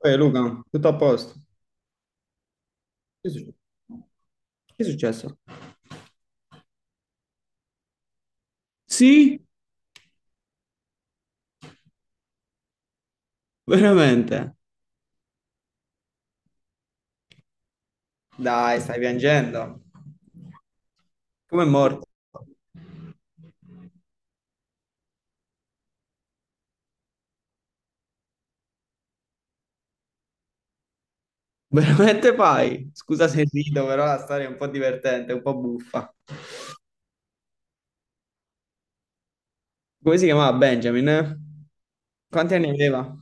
Ehi Luca, tutto a posto? Che è successo? Che è successo? Sì, veramente. Dai, stai piangendo. Come è morto? Veramente fai? Scusa se rido, però la storia è un po' divertente, un po' buffa. Come si chiamava Benjamin? Eh? Quanti anni aveva?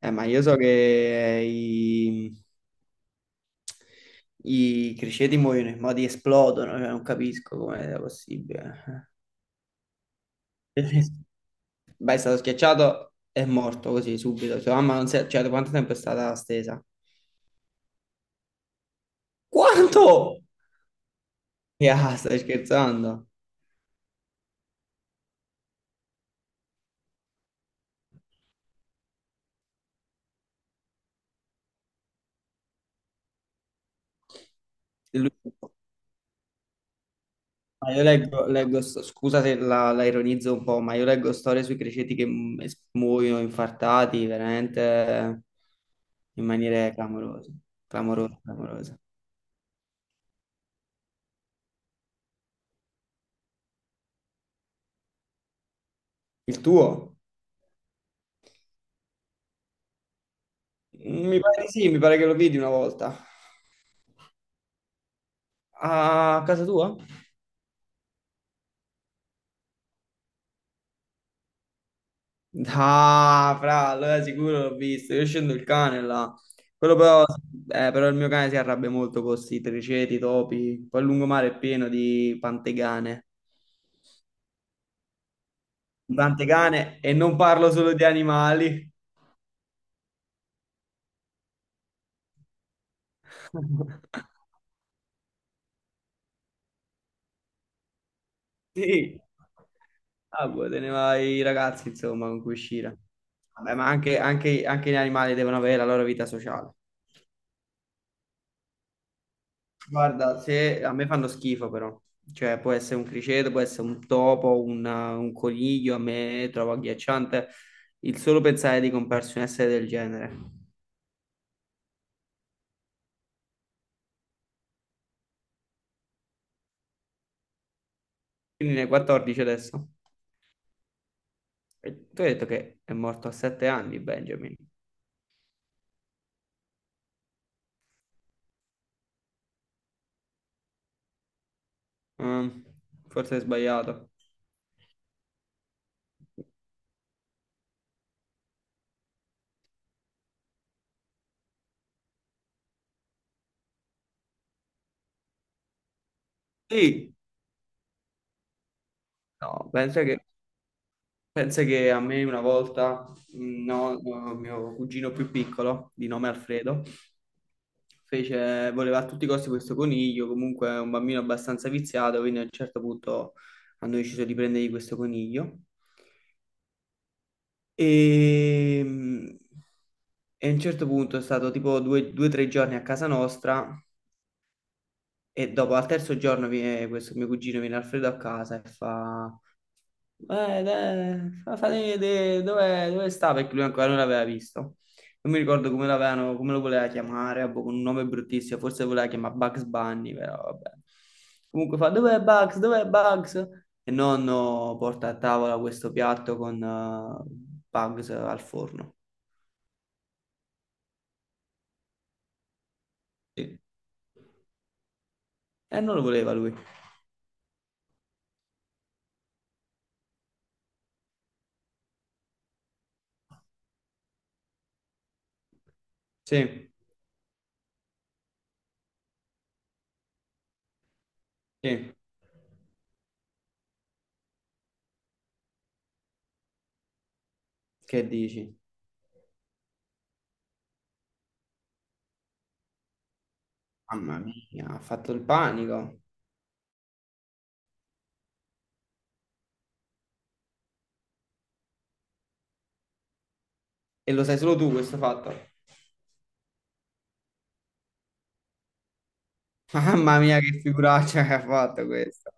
Ma io so che i criceti muoiono, i modi esplodono, cioè non capisco come sia possibile. Beh, è stato schiacciato e morto così subito. Sua mamma non si è... Cioè, da quanto tempo è stata stesa? Quanto? Ya, stai scherzando? E lui- Ma io leggo scusa se la ironizzo un po', ma io leggo storie sui criceti che muoiono infartati, veramente in maniere clamorose, clamorose, clamorose. Il tuo? Mi pare di sì, mi pare che lo vidi una volta. A casa tua? Ah, fra, allora sicuro l'ho visto. Io scendo il cane là. Quello però, però il mio cane si arrabbia molto con questi triceti, topi. Poi il lungomare è pieno di pantegane. Pantegane, e non parlo solo di animali. Sì. Ah, boh, te ne vai i ragazzi, insomma, con cui uscire. Vabbè, ma anche gli animali devono avere la loro vita sociale. Guarda, se a me fanno schifo però, cioè può essere un criceto, può essere un topo, un coniglio, a me trovo agghiacciante il solo pensare di comprarsi un essere del genere. Quindi ne hai 14 adesso. E tu hai detto che è morto a 7 anni Benjamin. Mm, forse hai sbagliato. Sì, no, penso che Pensa che a me una volta, no, no, mio cugino più piccolo, di nome Alfredo, fece, voleva a tutti i costi questo coniglio, comunque è un bambino abbastanza viziato, quindi a un certo punto hanno deciso di prendergli questo coniglio. E, mm, e a un certo punto è stato tipo due o tre giorni a casa nostra e dopo al terzo giorno viene questo mio cugino, viene Alfredo a casa e fa... dai, fatemi vedere dove, dove sta perché lui ancora non l'aveva visto. Non mi ricordo come l'avevano, come lo voleva chiamare, ah, boh, con un nome bruttissimo, forse voleva chiamare Bugs Bunny, però vabbè. Comunque fa, dov'è Bugs? Dov'è Bugs? E nonno porta a tavola questo piatto con Bugs al forno. Sì. E non lo voleva lui. Sì, sì. Che dici? Mamma mia, ha fatto il panico. E lo sai solo tu questo fatto. Mamma mia, che figuraccia che ha fatto questa.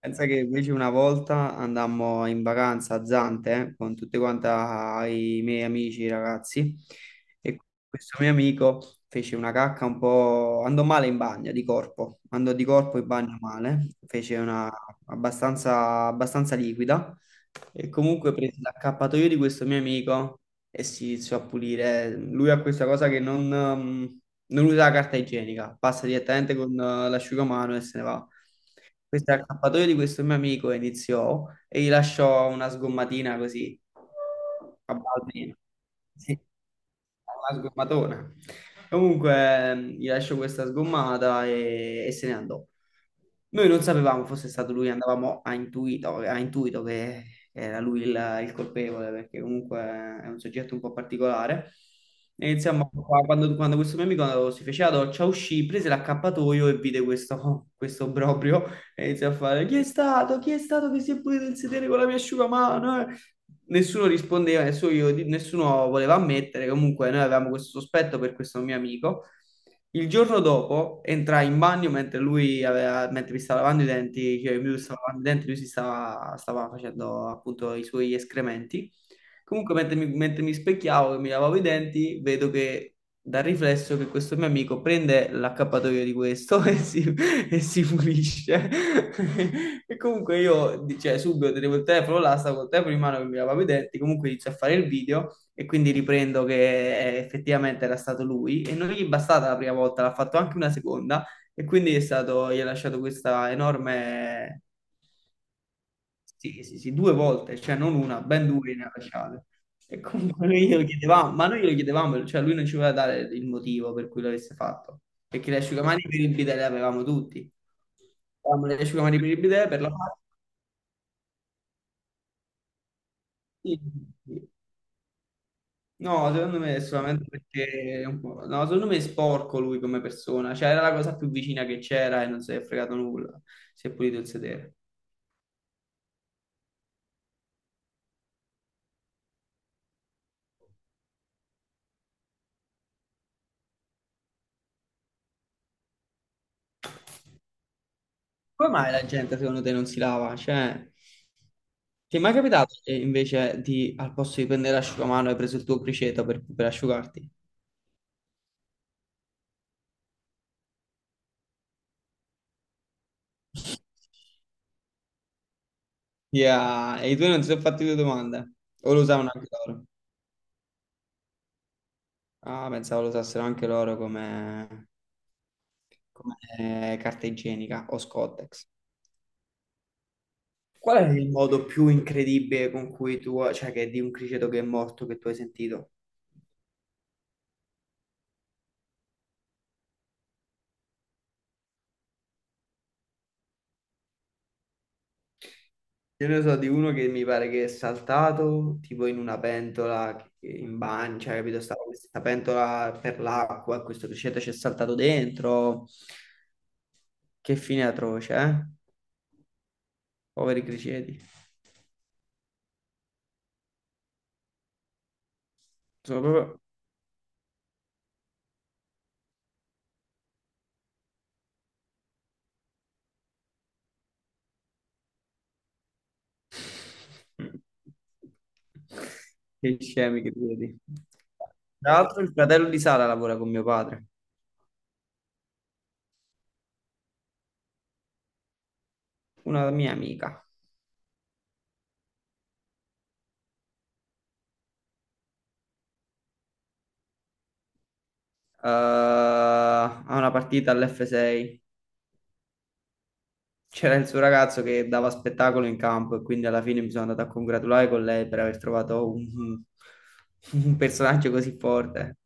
Pensa che invece una volta andammo in vacanza a Zante con tutti quanti i miei amici, i ragazzi, e questo mio amico fece una cacca un po'... andò male in bagno, di corpo, andò di corpo in bagno male, fece una abbastanza, abbastanza liquida e comunque prese l'accappatoio di questo mio amico e si iniziò a pulire. Lui ha questa cosa che non usa la carta igienica, passa direttamente con l'asciugamano e se ne va. Questo è l'accappatoio di questo mio amico iniziò e gli lasciò una sgommatina così a baldino. Una sgommatona. Comunque, gli lascio questa sgommata e se ne andò. Noi non sapevamo fosse stato lui, andavamo a intuito che era lui il colpevole, perché comunque è un soggetto un po' particolare. E iniziamo qua, quando questo mio amico si fece la doccia, uscì, prese l'accappatoio e vide questo, questo obbrobrio e iniziò a fare: "Chi è stato? Chi è stato che si è pulito il sedere con la mia asciugamano? Eh?" Nessuno rispondeva, nessuno voleva ammettere. Comunque, noi avevamo questo sospetto per questo mio amico. Il giorno dopo entrai in bagno mentre mentre mi stava lavando i denti, cioè io mi stavo lavando i denti, lui stava facendo appunto i suoi escrementi. Comunque, mentre mi specchiavo e mi lavavo i denti, vedo che dal riflesso che questo mio amico prende l'accappatoio di questo e si pulisce. E comunque io, cioè, subito tenevo il telefono là, stavo col telefono in mano che mi lavavo i denti, comunque inizio a fare il video e quindi riprendo che effettivamente era stato lui e non gli è bastata la prima volta, l'ha fatto anche una seconda e quindi gli ha lasciato questa enorme sì, sì, sì, due volte, cioè non una, ben due ne ha lasciate. E comunque noi glielo chiedevamo, ma noi glielo chiedevamo, cioè lui non ci voleva dare il motivo per cui l'avesse fatto, perché le asciugamani per il bidet le avevamo tutti. Avevamo le asciugamani per il bidet, per la pasta. Sì, sì. No, secondo me è solamente perché, no, secondo me è sporco lui come persona, cioè era la cosa più vicina che c'era e non si è fregato nulla, si è pulito il sedere. Come mai la gente secondo te non si lava? Cioè, ti è mai capitato che al posto di prendere l'asciugamano, hai preso il tuo criceto per asciugarti? Yeah, e i tuoi non si sono fatti due domande? O lo usavano anche loro? Ah, pensavo lo usassero anche loro come, come carta igienica o Scotex. Qual è il modo più incredibile con cui tu, cioè che di un criceto che è morto che tu hai sentito? Io ne so di uno che mi pare che è saltato tipo in una pentola in bagno, cioè, capito? Stava questa pentola per l'acqua, questo criceto ci è saltato dentro. Che fine atroce, eh? Poveri criceti. Sono proprio... Mm. Che scemi che criceti. Tra l'altro il fratello di Sara lavora con mio padre, una mia amica. Ha una partita all'F6. C'era il suo ragazzo che dava spettacolo in campo e quindi alla fine mi sono andato a congratulare con lei per aver trovato un personaggio così forte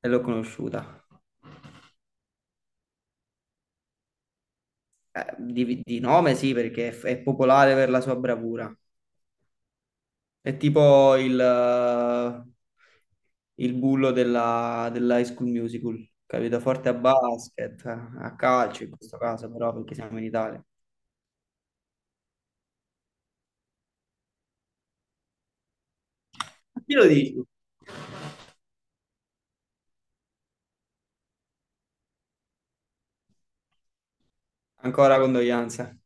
e l'ho conosciuta. Di nome sì, perché è popolare per la sua bravura. È tipo il bullo dell'High School Musical, capito? Forte a basket, a calcio in questo caso però, perché siamo in Italia. A chi lo dici? Ancora condoglianze.